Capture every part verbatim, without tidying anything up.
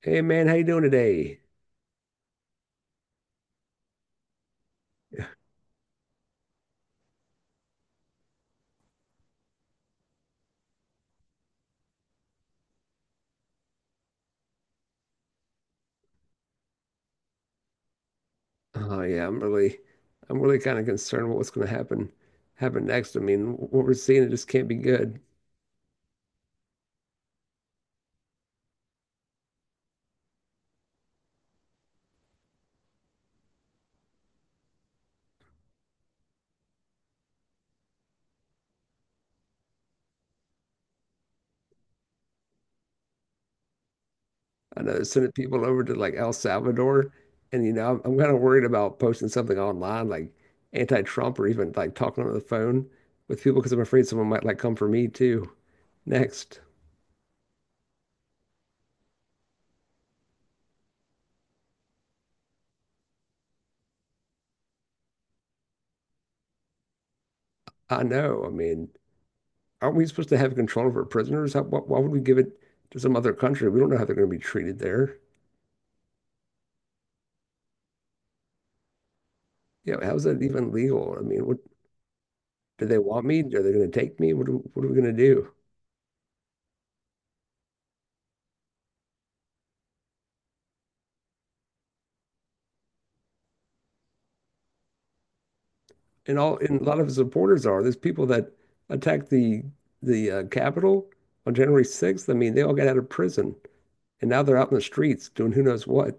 Hey man, how you doing today? Oh yeah, I'm really, I'm really kind of concerned what what's going to happen, happen next. I mean, what we're seeing it just can't be good. I know they're sending people over to like El Salvador, and you know, I'm, I'm kind of worried about posting something online like anti-Trump or even like talking on the phone with people because I'm afraid someone might like come for me too. Next, I know. I mean, aren't we supposed to have control of our prisoners? How, why, why would we give it to some other country? We don't know how they're going to be treated there. Yeah, how's that even legal? I mean, what? Do they want me? Are they going to take me? What are, what are we going to do? And all and a lot of his supporters are. There's people that attacked the the uh, Capitol on January sixth. I mean, they all got out of prison and now they're out in the streets doing who knows what.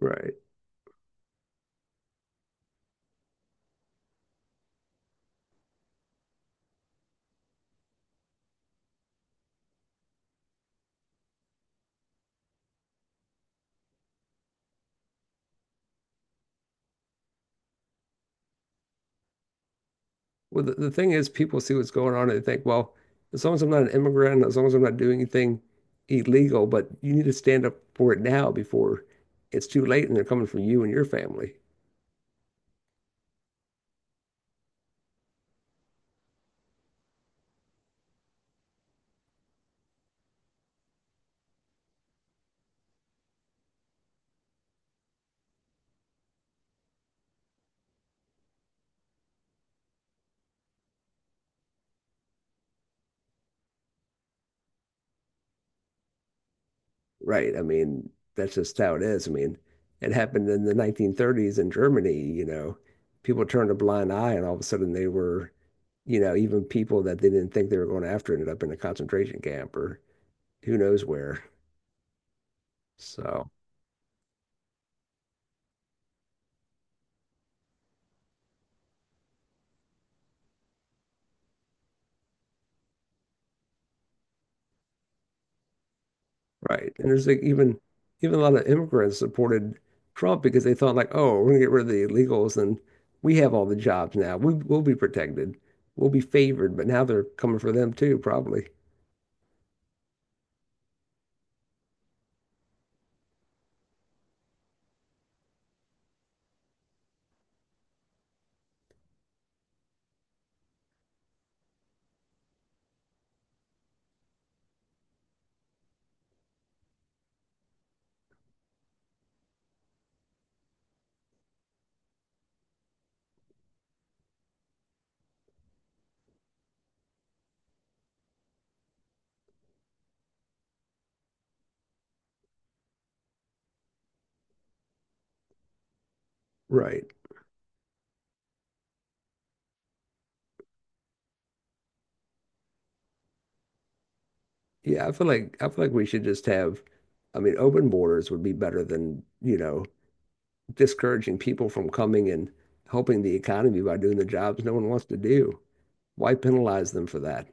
Right. Well, the, the thing is, people see what's going on and they think, well, as long as I'm not an immigrant, as long as I'm not doing anything illegal, but you need to stand up for it now before it's too late and they're coming for you and your family. Right. I mean, that's just how it is. I mean, it happened in the nineteen thirties in Germany, you know, people turned a blind eye and all of a sudden they were, you know, even people that they didn't think they were going after ended up in a concentration camp or who knows where. So, right. And there's like even even a lot of immigrants supported Trump because they thought like, oh, we're gonna get rid of the illegals and we have all the jobs now. We we'll be protected. We'll be favored, but now they're coming for them too, probably. Right. Yeah, I feel like I feel like we should just have, I mean, open borders would be better than, you know, discouraging people from coming and helping the economy by doing the jobs no one wants to do. Why penalize them for that?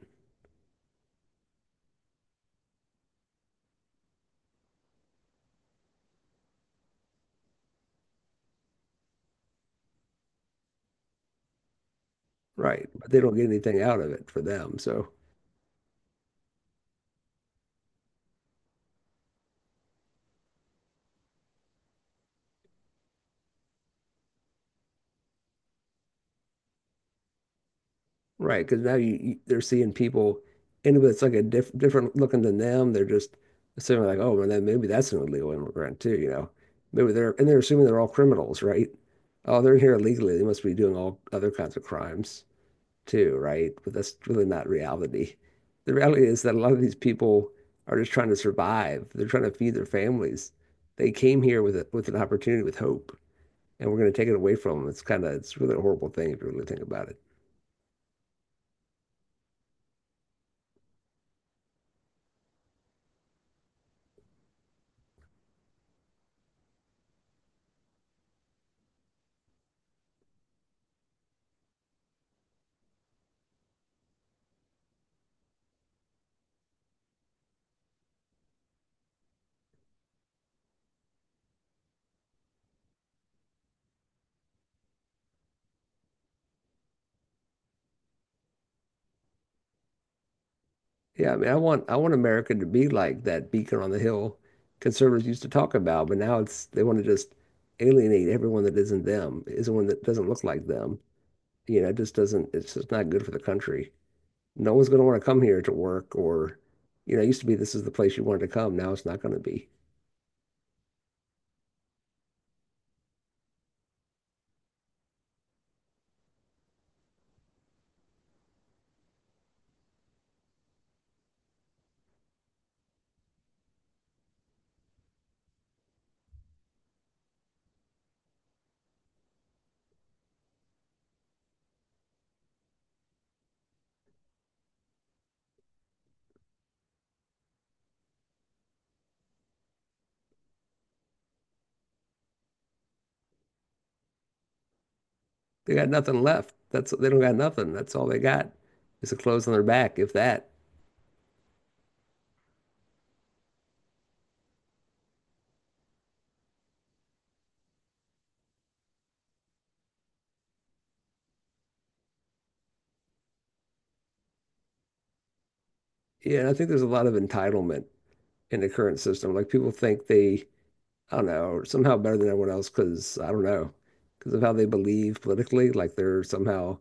Right. But they don't get anything out of it for them. So, right, because now you, you they're seeing people and if it's like a diff, different looking than them. They're just assuming like, oh, well, then maybe that's an illegal immigrant too, you know. Maybe they're and they're assuming they're all criminals, right? Oh, they're here illegally. They must be doing all other kinds of crimes. Too, right? But that's really not reality. The reality is that a lot of these people are just trying to survive. They're trying to feed their families. They came here with a, with an opportunity, with hope, and we're going to take it away from them. It's kind of it's really a horrible thing if you really think about it. Yeah, I mean, I want I want America to be like that beacon on the hill conservatives used to talk about, but now it's they want to just alienate everyone that isn't them, isn't one that doesn't look like them. You know, it just doesn't. It's just not good for the country. No one's going to want to come here to work or, you know, it used to be this is the place you wanted to come. Now it's not going to be. They got nothing left. That's they don't got nothing. That's all they got is the clothes on their back, if that. Yeah, and I think there's a lot of entitlement in the current system. Like people think they, I don't know, are somehow better than everyone else because I don't know, because of how they believe politically. Like they're somehow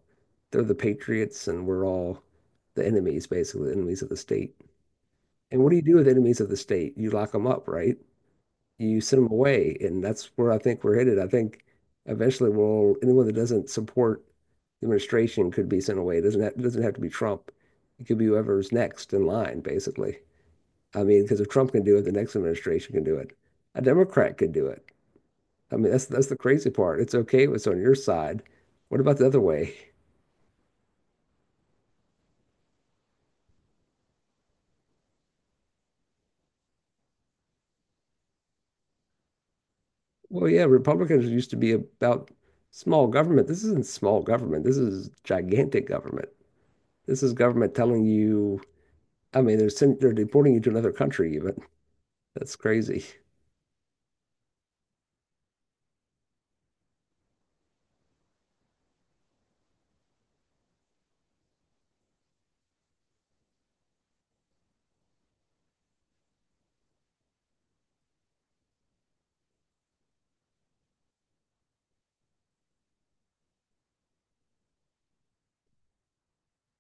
they're the patriots and we're all the enemies, basically, the enemies of the state. And what do you do with enemies of the state? You lock them up, right? You send them away. And that's where I think we're headed. I think eventually we'll anyone that doesn't support the administration could be sent away. It doesn't have, it doesn't have to be Trump. It could be whoever's next in line, basically. I mean, because if Trump can do it, the next administration can do it. A Democrat could do it. I mean, that's that's the crazy part. It's okay if it's on your side. What about the other way? Well, yeah, Republicans used to be about small government. This isn't small government. This is gigantic government. This is government telling you I mean, they're they're deporting you to another country even. That's crazy.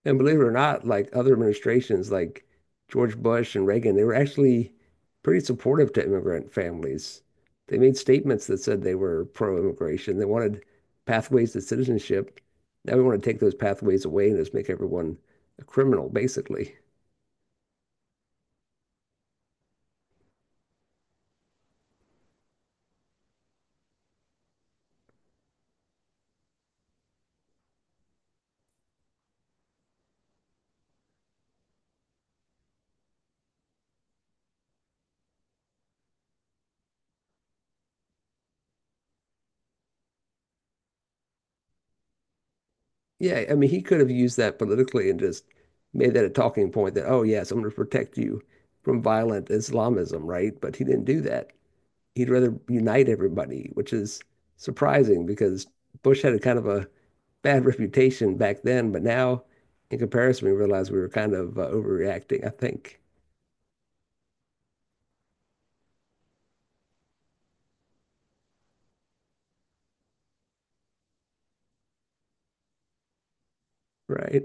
And believe it or not, like other administrations, like George Bush and Reagan, they were actually pretty supportive to immigrant families. They made statements that said they were pro-immigration. They wanted pathways to citizenship. Now we want to take those pathways away and just make everyone a criminal, basically. Yeah, I mean, he could have used that politically and just made that a talking point that, oh, yes, I'm going to protect you from violent Islamism, right? But he didn't do that. He'd rather unite everybody, which is surprising because Bush had a kind of a bad reputation back then, but now in comparison, we realized we were kind of uh, overreacting, I think, right?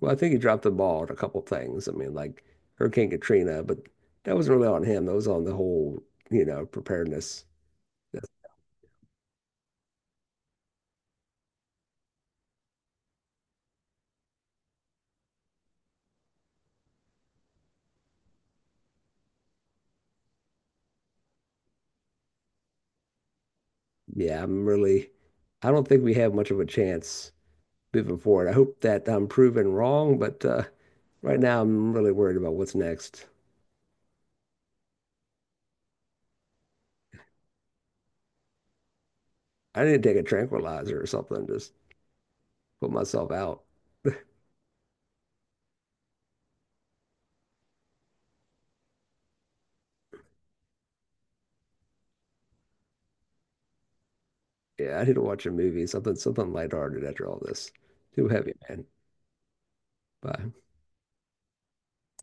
Well, I think he dropped the ball on a couple things. I mean, like Hurricane Katrina, but that wasn't really on him. That was on the whole, you know, preparedness. That's- Yeah, I'm really, I don't think we have much of a chance. Moving forward. I hope that I'm proven wrong, but uh, right now I'm really worried about what's next. I need to take a tranquilizer or something, just put myself out. Yeah, I need to watch a movie, something something lighthearted after all this. Too heavy, man. Bye.